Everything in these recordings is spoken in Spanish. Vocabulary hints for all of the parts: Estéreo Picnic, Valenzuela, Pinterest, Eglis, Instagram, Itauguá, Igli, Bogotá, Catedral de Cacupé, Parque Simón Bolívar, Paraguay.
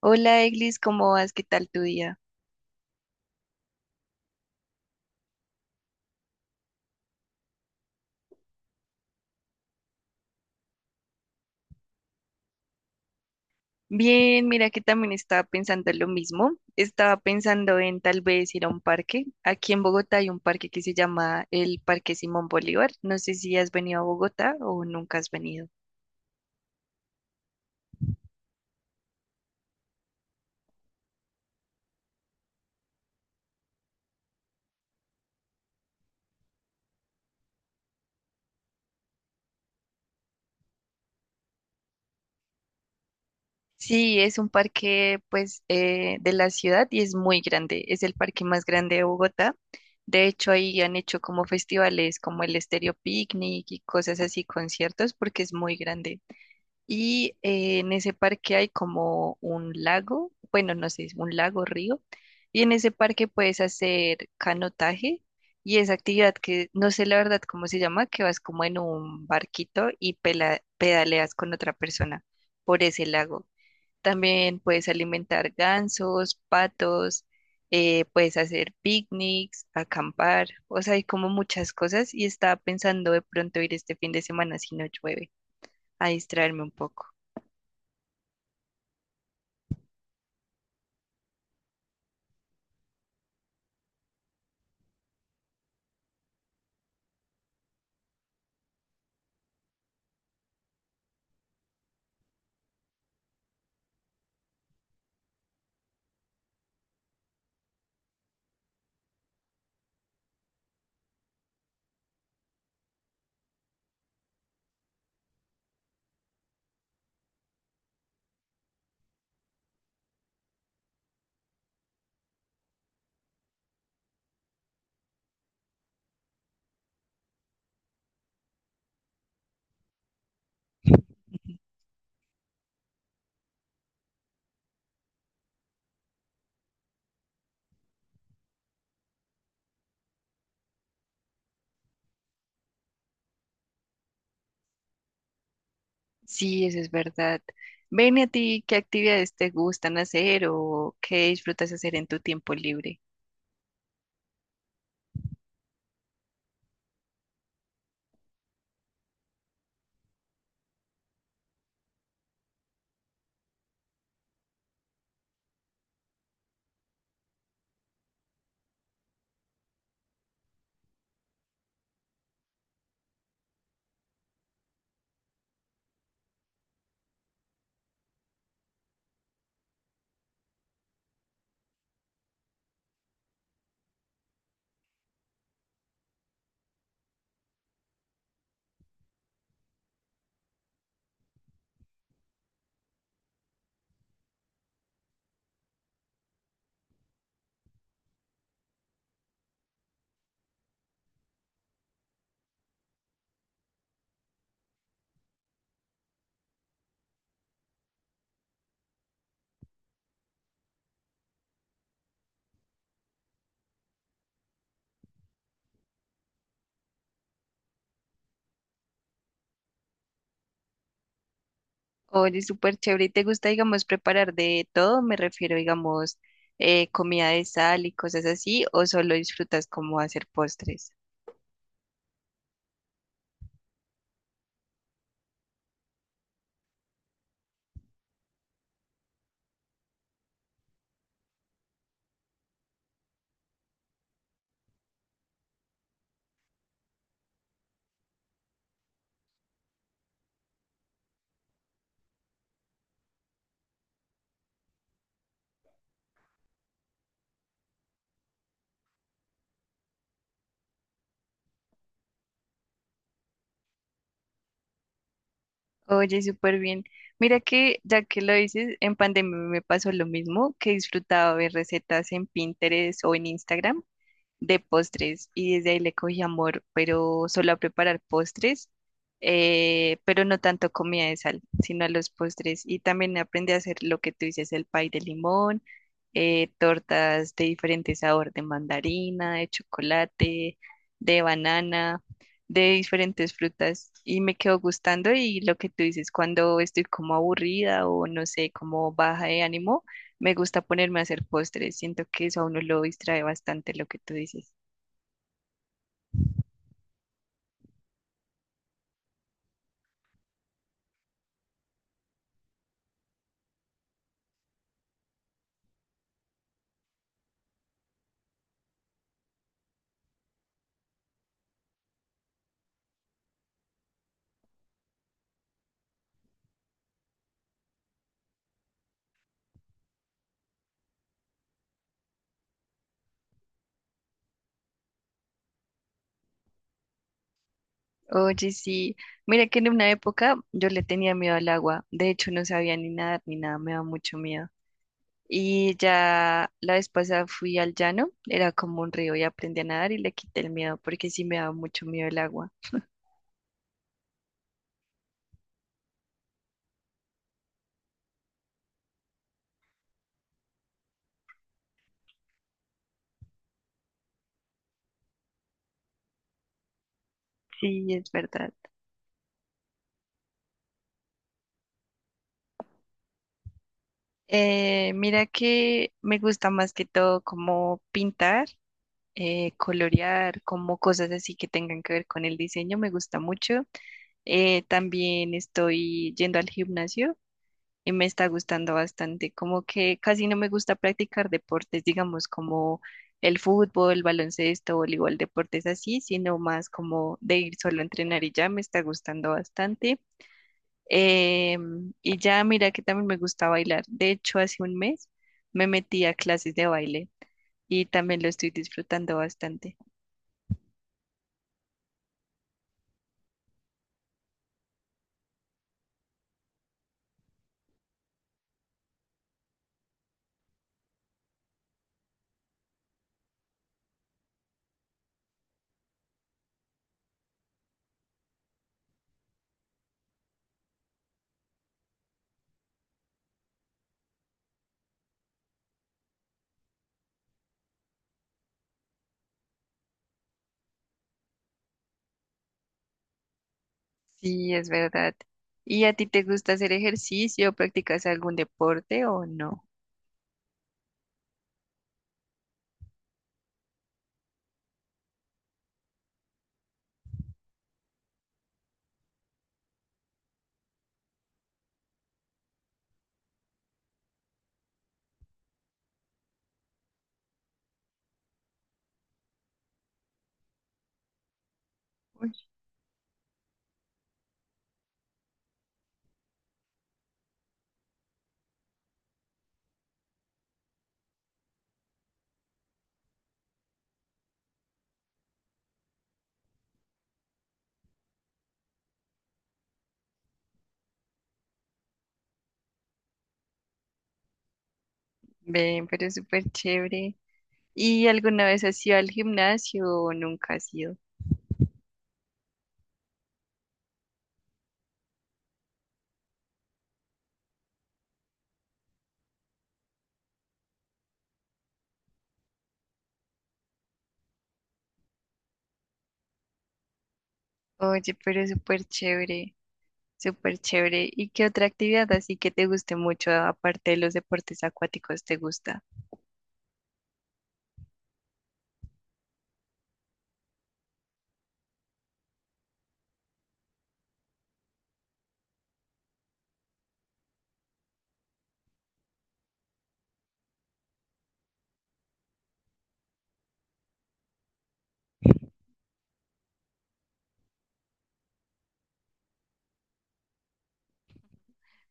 Hola, Eglis, ¿cómo vas? ¿Qué tal tu día? Bien, mira que también estaba pensando lo mismo. Estaba pensando en tal vez ir a un parque. Aquí en Bogotá hay un parque que se llama el Parque Simón Bolívar. No sé si has venido a Bogotá o nunca has venido. Sí, es un parque pues de la ciudad y es muy grande. Es el parque más grande de Bogotá. De hecho, ahí han hecho como festivales como el Estéreo Picnic y cosas así, conciertos, porque es muy grande. Y en ese parque hay como un lago, bueno, no sé, un lago, río. Y en ese parque puedes hacer canotaje y esa actividad que no sé la verdad cómo se llama, que vas como en un barquito y pedaleas con otra persona por ese lago. También puedes alimentar gansos, patos, puedes hacer picnics, acampar, o sea, hay como muchas cosas y estaba pensando de pronto ir este fin de semana si no llueve, a distraerme un poco. Sí, eso es verdad. Ven, ¿y a ti qué actividades te gustan hacer o qué disfrutas hacer en tu tiempo libre? Oye, súper chévere. ¿Y te gusta, digamos, preparar de todo? Me refiero, digamos, comida de sal y cosas así, o solo disfrutas como hacer postres. Oye, súper bien. Mira que, ya que lo dices, en pandemia me pasó lo mismo, que disfrutaba ver recetas en Pinterest o en Instagram. De postres y desde ahí le cogí amor, pero solo a preparar postres, pero no tanto comida de sal, sino a los postres. Y también aprendí a hacer lo que tú dices, el pay de limón, tortas de diferente sabor, de mandarina, de chocolate, de banana, de diferentes frutas. Y me quedó gustando y lo que tú dices, cuando estoy como aburrida o no sé, como baja de ánimo, me gusta ponerme a hacer postres, siento que eso a uno lo distrae bastante, lo que tú dices. Oye, sí, mira que en una época yo le tenía miedo al agua, de hecho no sabía ni nadar ni nada, me da mucho miedo. Y ya la vez pasada fui al llano, era como un río y aprendí a nadar y le quité el miedo porque sí me daba mucho miedo el agua. Sí, es verdad. Mira que me gusta más que todo como pintar, colorear, como cosas así que tengan que ver con el diseño, me gusta mucho. También estoy yendo al gimnasio y me está gustando bastante. Como que casi no me gusta practicar deportes, digamos, como el fútbol, baloncesto, voleibol, deportes así, sino más como de ir solo a entrenar y ya me está gustando bastante. Y ya mira que también me gusta bailar. De hecho, hace un mes me metí a clases de baile y también lo estoy disfrutando bastante. Sí, es verdad. ¿Y a ti te gusta hacer ejercicio? ¿Practicas algún deporte o no? Uy, ven, pero es súper chévere. ¿Y alguna vez has ido al gimnasio o nunca has ido? Oye, pero es súper chévere. Súper chévere. ¿Y qué otra actividad así que te guste mucho, aparte de los deportes acuáticos, te gusta?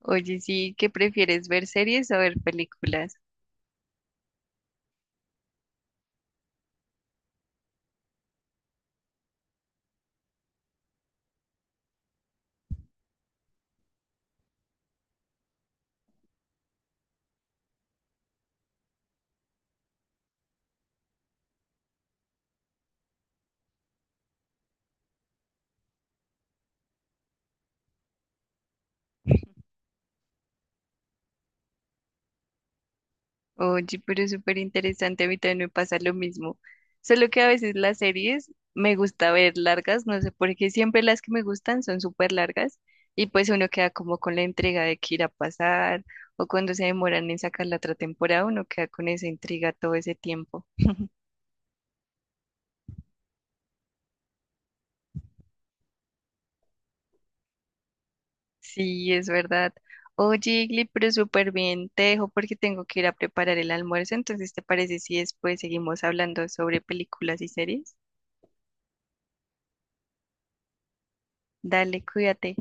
Oye, sí, ¿qué prefieres, ver series o ver películas? Oye, pero es súper interesante, a mí también me pasa lo mismo. Solo que a veces las series me gusta ver largas, no sé por qué siempre las que me gustan son súper largas y pues uno queda como con la entrega de qué irá a pasar o cuando se demoran en sacar la otra temporada, uno queda con esa intriga todo ese tiempo. Sí, es verdad. Oye, Igli, pero súper bien, te dejo porque tengo que ir a preparar el almuerzo, entonces ¿te parece si después seguimos hablando sobre películas y series? Dale, cuídate.